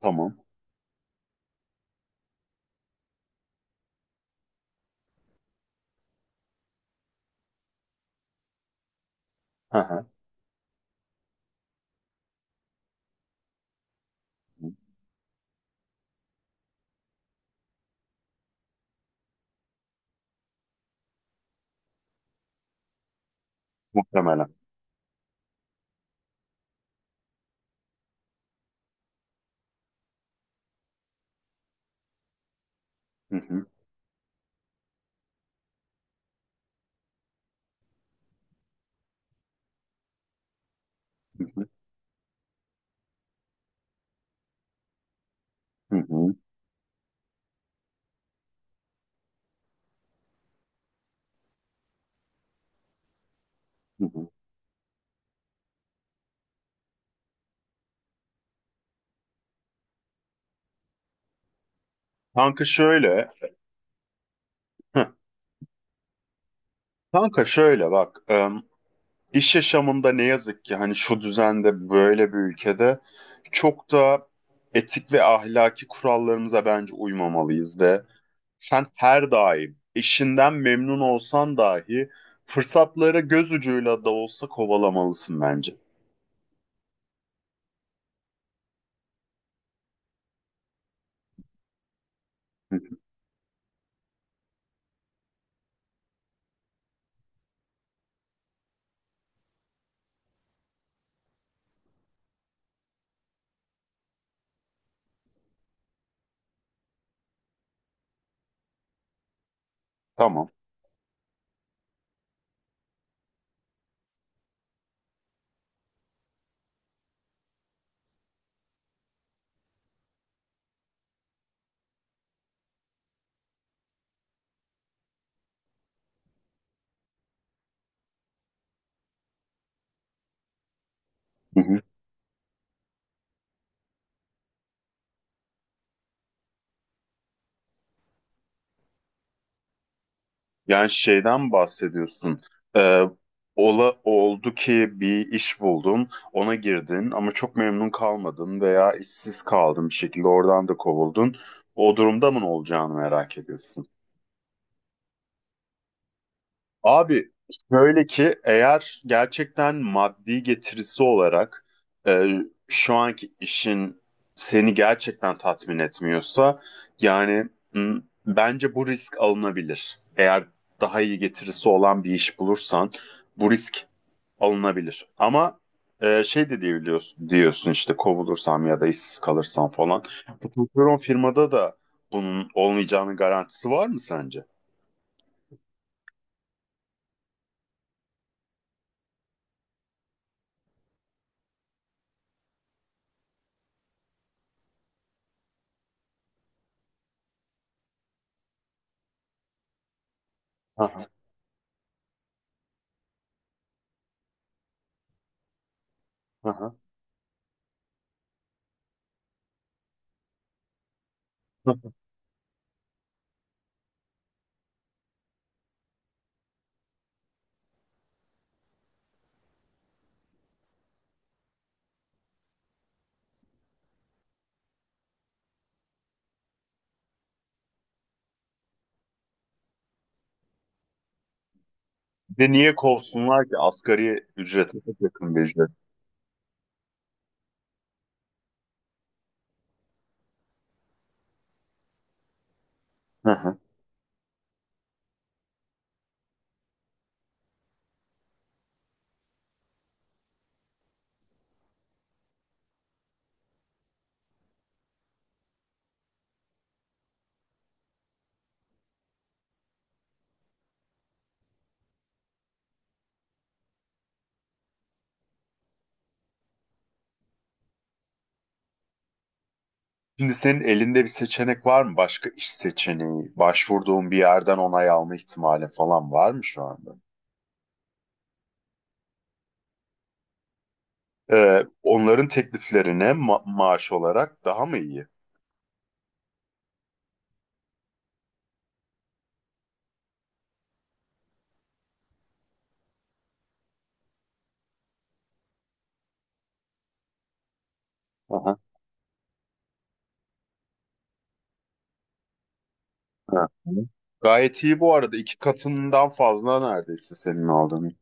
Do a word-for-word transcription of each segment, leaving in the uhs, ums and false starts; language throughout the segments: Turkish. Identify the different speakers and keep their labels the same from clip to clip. Speaker 1: Tamam. Hı hı. Muhtemelen. Hı hı. Hı hı. Hı hı. Hı hı. Kanka şöyle. Heh. Kanka şöyle bak. em, iş yaşamında ne yazık ki hani şu düzende böyle bir ülkede çok da etik ve ahlaki kurallarımıza bence uymamalıyız ve sen her daim işinden memnun olsan dahi fırsatları göz ucuyla da olsa kovalamalısın bence. Hı hı. Tamam. Yani şeyden bahsediyorsun. Ee, ola, Oldu ki bir iş buldun, ona girdin ama çok memnun kalmadın veya işsiz kaldın bir şekilde oradan da kovuldun. O durumda mı ne olacağını merak ediyorsun. Abi şöyle ki, eğer gerçekten maddi getirisi olarak e, şu anki işin seni gerçekten tatmin etmiyorsa, yani m, bence bu risk alınabilir. Eğer daha iyi getirisi olan bir iş bulursan bu risk alınabilir. Ama e, şey de diyebiliyorsun, diyorsun işte kovulursam ya da işsiz kalırsam falan. Bu patron firmada da bunun olmayacağının garantisi var mı sence? Aha, aha. Bir de niye kovsunlar ki? Asgari ücrete çok yakın bir ücret. Hı hı. Şimdi senin elinde bir seçenek var mı? Başka iş seçeneği, başvurduğun bir yerden onay alma ihtimali falan var mı şu anda? Ee, onların tekliflerine ma- maaş olarak daha mı iyi? Hı hı. Hı hı. Gayet iyi bu arada. İki katından fazla neredeyse senin aldığın.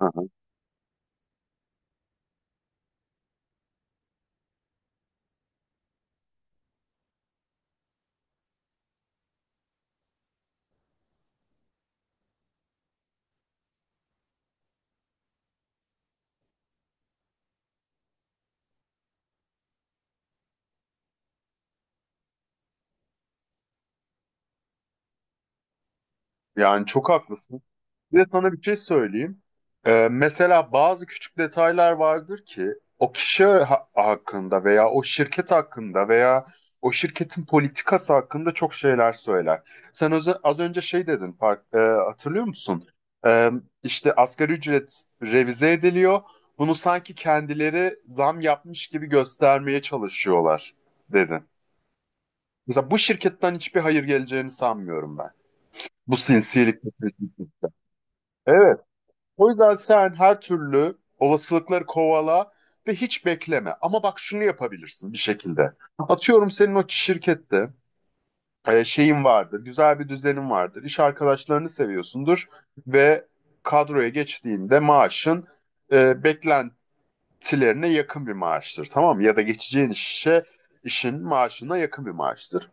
Speaker 1: Hı hı. Yani çok haklısın. Bir de sana bir şey söyleyeyim. Ee, mesela bazı küçük detaylar vardır ki o kişi ha- hakkında veya o şirket hakkında veya o şirketin politikası hakkında çok şeyler söyler. Sen öze- az önce şey dedin, fark, e, hatırlıyor musun? Ee, işte asgari ücret revize ediliyor. Bunu sanki kendileri zam yapmış gibi göstermeye çalışıyorlar dedin. Mesela bu şirketten hiçbir hayır geleceğini sanmıyorum ben. Bu sinsilik. Evet. O yüzden sen her türlü olasılıkları kovala ve hiç bekleme. Ama bak şunu yapabilirsin bir şekilde. Atıyorum, senin o şirkette e, şeyin vardır, güzel bir düzenin vardır, iş arkadaşlarını seviyorsundur ve kadroya geçtiğinde maaşın e, beklentilerine yakın bir maaştır, tamam mı? Ya da geçeceğin işe, işin maaşına yakın bir maaştır.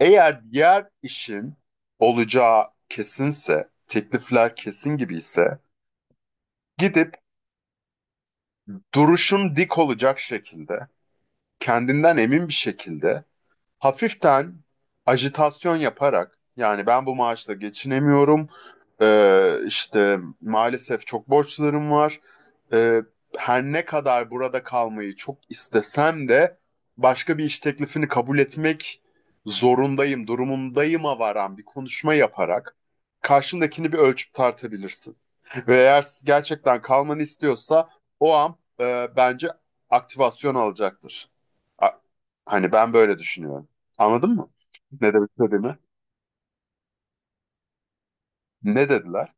Speaker 1: Eğer diğer işin olacağı kesinse, teklifler kesin gibi ise, gidip duruşun dik olacak şekilde, kendinden emin bir şekilde, hafiften ajitasyon yaparak, yani ben bu maaşla geçinemiyorum, Ee, işte maalesef çok borçlarım var, Ee, her ne kadar burada kalmayı çok istesem de başka bir iş teklifini kabul etmek zorundayım, durumundayıma varan bir konuşma yaparak karşındakini bir ölçüp tartabilirsin. Ve eğer gerçekten kalmanı istiyorsa o an e, bence aktivasyon alacaktır. A- Hani ben böyle düşünüyorum. Anladın mı? Ne demek istediğimi? Ne dediler?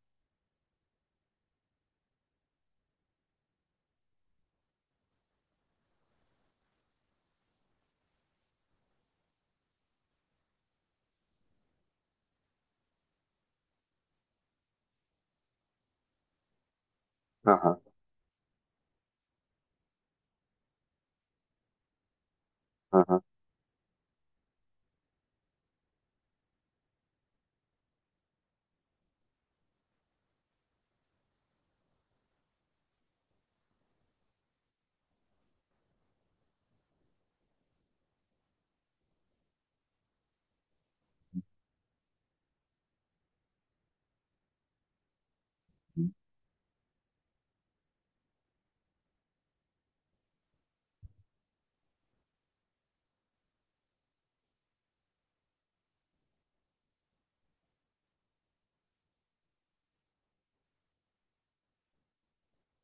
Speaker 1: Hı hı, hı hı.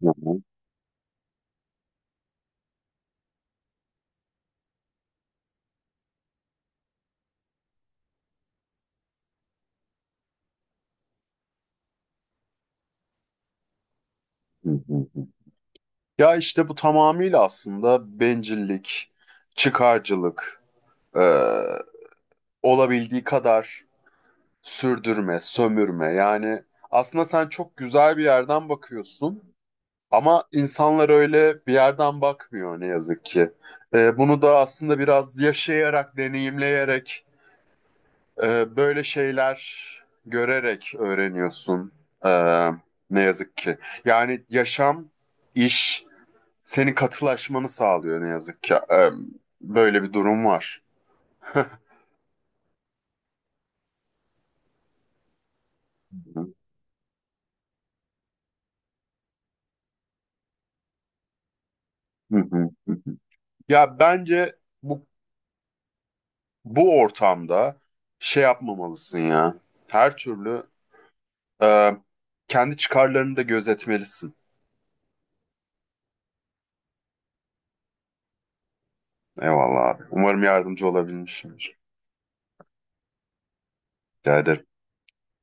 Speaker 1: Hı hı, hı hı, hı. Ya işte bu tamamıyla aslında bencillik, çıkarcılık, e, olabildiği kadar sürdürme, sömürme. Yani aslında sen çok güzel bir yerden bakıyorsun ama insanlar öyle bir yerden bakmıyor ne yazık ki. E, bunu da aslında biraz yaşayarak, deneyimleyerek, Ee, böyle şeyler görerek öğreniyorsun. Ee, Ne yazık ki. Yani yaşam, iş seni katılaşmanı sağlıyor ne yazık ki. Ee, böyle bir durum var. Hı hı. Ya bence bu bu ortamda şey yapmamalısın ya. Her türlü e, kendi çıkarlarını da gözetmelisin. Eyvallah abi. Umarım yardımcı olabilmişimdir. Rica ederim.